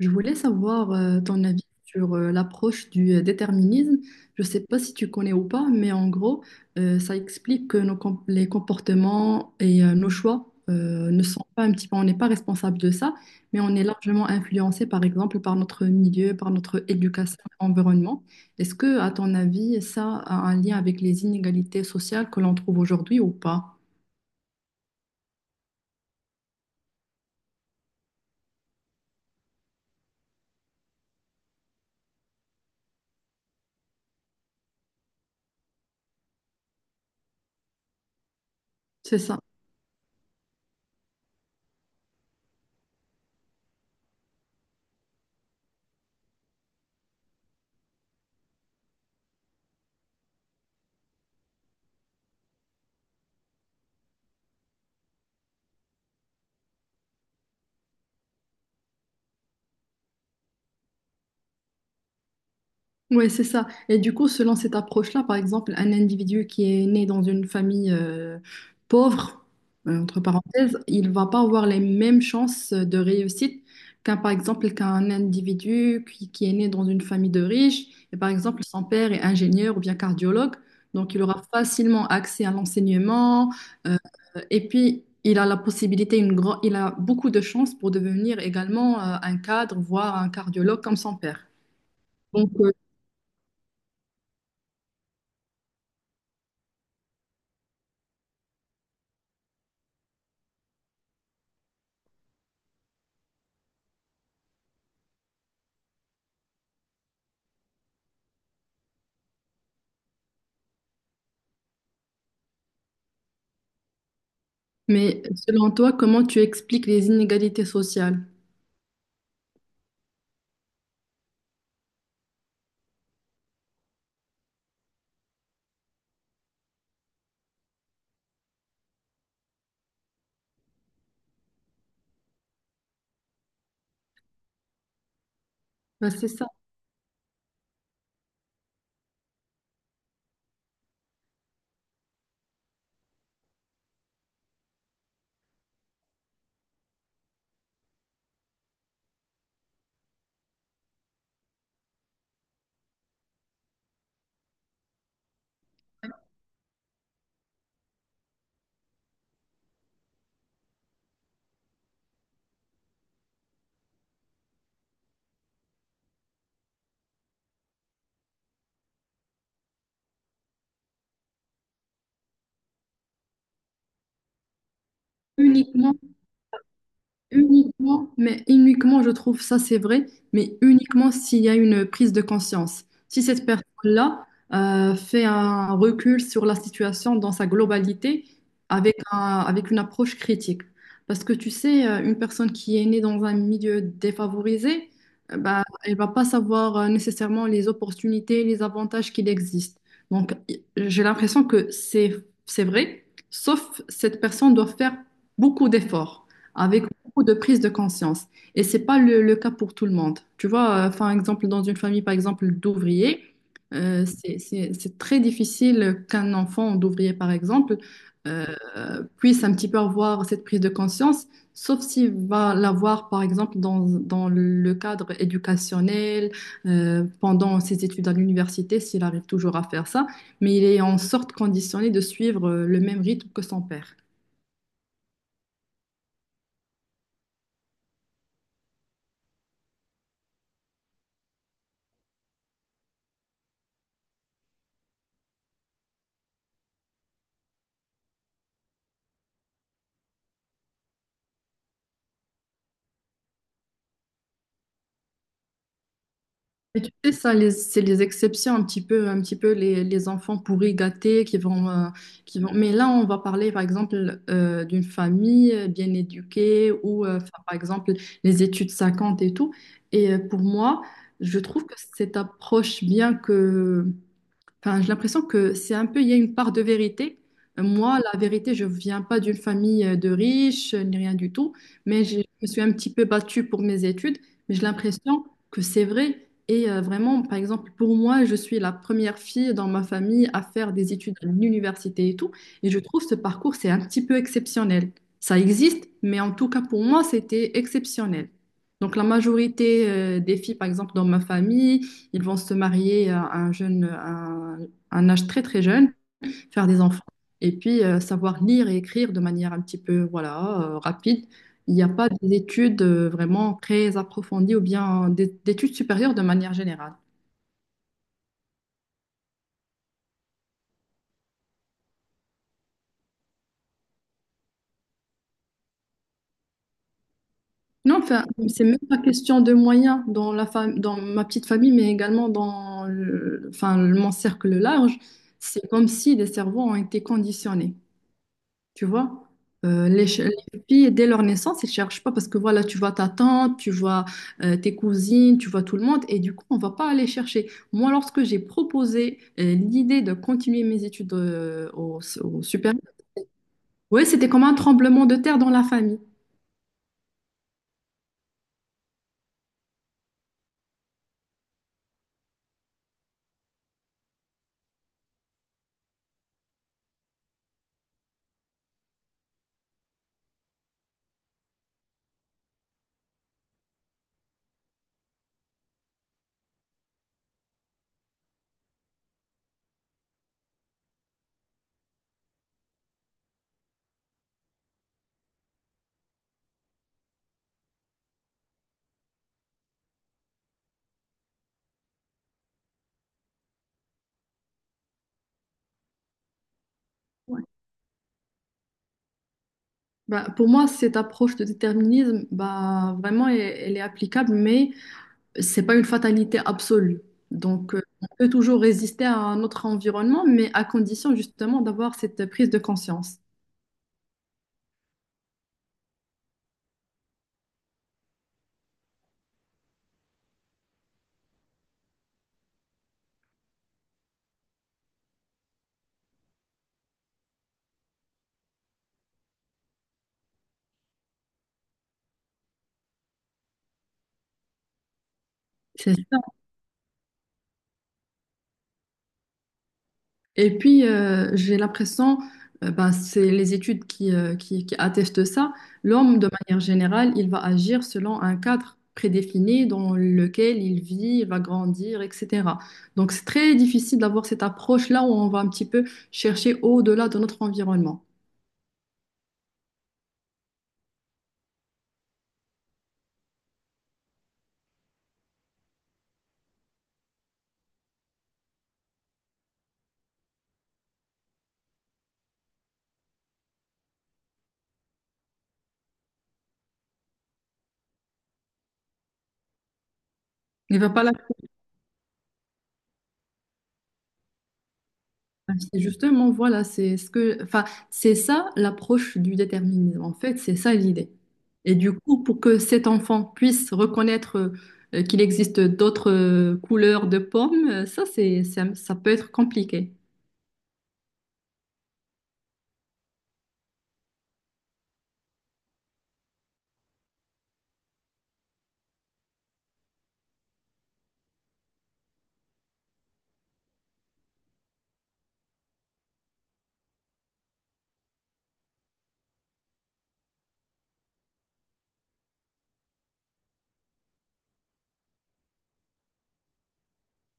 Je voulais savoir ton avis sur l'approche du déterminisme. Je ne sais pas si tu connais ou pas, mais en gros, ça explique que les comportements et nos choix ne sont pas un petit peu, on n'est pas responsable de ça, mais on est largement influencé, par exemple, par notre milieu, par notre éducation, environnement. Est-ce que, à ton avis, ça a un lien avec les inégalités sociales que l'on trouve aujourd'hui ou pas? C'est ça. Ouais, c'est ça. Et du coup, selon cette approche-là, par exemple, un individu qui est né dans une famille pauvre, entre parenthèses, il va pas avoir les mêmes chances de réussite qu'un, par exemple, qu'un individu qui est né dans une famille de riches. Et par exemple, son père est ingénieur ou bien cardiologue, donc il aura facilement accès à l'enseignement. euh, et puis, il a la possibilité, il a beaucoup de chances pour devenir également un cadre, voire un cardiologue comme son père. Donc, euh, Mais selon toi, comment tu expliques les inégalités sociales? Ben, c'est ça, uniquement. Uniquement, mais uniquement, je trouve ça c'est vrai, mais uniquement s'il y a une prise de conscience. Si cette personne-là fait un recul sur la situation dans sa globalité avec avec une approche critique. Parce que tu sais, une personne qui est née dans un milieu défavorisé, bah, elle va pas savoir nécessairement les opportunités, les avantages qu'il existe. Donc, j'ai l'impression que c'est vrai, sauf cette personne doit faire beaucoup d'efforts avec beaucoup de prise de conscience. Et c'est pas le cas pour tout le monde. Tu vois, par exemple, dans une famille, par exemple, d'ouvriers, c'est très difficile qu'un enfant d'ouvrier, par exemple, euh, puisse un petit peu avoir cette prise de conscience, sauf s'il va l'avoir, par exemple, dans le cadre éducationnel, pendant ses études à l'université, s'il arrive toujours à faire ça, mais il est en sorte conditionné de suivre le même rythme que son père. Mais tu sais, ça, c'est les exceptions, un petit peu les enfants pourris gâtés qui vont, euh. Mais là, on va parler, par exemple, d'une famille bien éduquée ou, enfin, par exemple, les études 50 et tout. Et pour moi, je trouve que cette approche, bien que... Enfin, j'ai l'impression que c'est un peu, il y a une part de vérité. Moi, la vérité, je viens pas d'une famille de riches, ni rien du tout, mais je me suis un petit peu battue pour mes études, mais j'ai l'impression que c'est vrai. Et vraiment, par exemple, pour moi, je suis la première fille dans ma famille à faire des études à l'université et tout, et je trouve ce parcours, c'est un petit peu exceptionnel. Ça existe, mais en tout cas, pour moi, c'était exceptionnel. Donc, la majorité des filles, par exemple, dans ma famille, ils vont se marier à un jeune, à un âge très très jeune, faire des enfants, et puis savoir lire et écrire de manière un petit peu voilà rapide. Il n'y a pas d'études vraiment très approfondies ou bien d'études supérieures de manière générale. Non, enfin, c'est même pas question de moyens dans dans ma petite famille, mais également dans mon cercle large. C'est comme si les cerveaux ont été conditionnés. Tu vois, euh, les filles, dès leur naissance, elles cherchent pas parce que voilà, tu vois ta tante, tu vois tes cousines, tu vois tout le monde, et du coup, on va pas aller chercher. Moi, lorsque j'ai proposé l'idée de continuer mes études au supérieur, oui, c'était comme un tremblement de terre dans la famille. Ouais. Bah, pour moi, cette approche de déterminisme, bah, vraiment, elle est applicable, mais c'est pas une fatalité absolue. Donc, on peut toujours résister à notre environnement, mais à condition justement d'avoir cette prise de conscience. C'est ça. Et puis, j'ai l'impression, ben, c'est les études qui attestent ça, l'homme, de manière générale, il va agir selon un cadre prédéfini dans lequel il vit, il va grandir, etc. Donc, c'est très difficile d'avoir cette approche-là où on va un petit peu chercher au-delà de notre environnement. Il ne va pas la... C'est justement, voilà, c'est ce que, enfin, c'est ça l'approche du déterminisme. En fait, c'est ça l'idée. Et du coup, pour que cet enfant puisse reconnaître qu'il existe d'autres couleurs de pommes, ça peut être compliqué.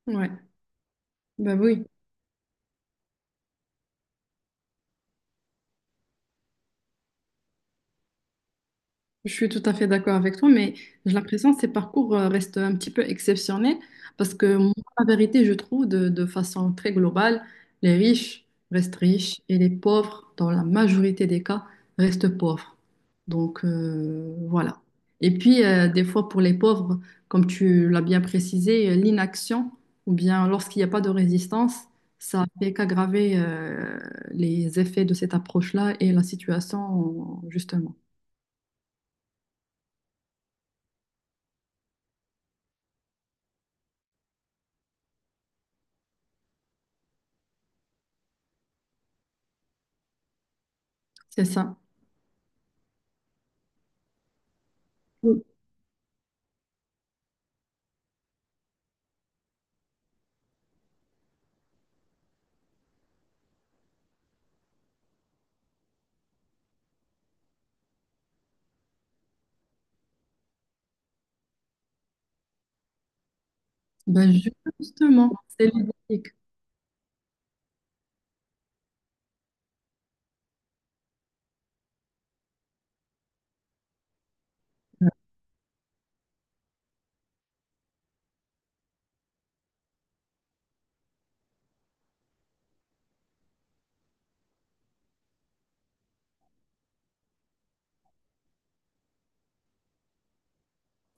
Ouais, bah oui. Je suis tout à fait d'accord avec toi, mais j'ai l'impression que ces parcours restent un petit peu exceptionnels parce que moi, la vérité, je trouve de façon très globale, les riches restent riches et les pauvres, dans la majorité des cas, restent pauvres. Donc voilà. Et puis, des fois, pour les pauvres, comme tu l'as bien précisé, l'inaction ou bien lorsqu'il n'y a pas de résistance, ça fait qu'aggraver les effets de cette approche-là et la situation, justement. C'est ça. Bah justement, c'est ludique.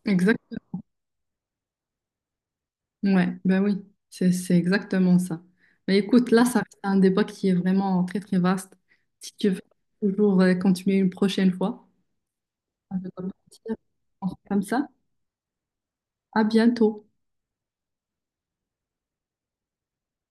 Exact. Ouais, bah oui, c'est exactement ça. Mais écoute, là, ça c'est un débat qui est vraiment très très vaste. Si tu veux toujours continuer une prochaine fois, je dois partir. On fait comme ça. À bientôt.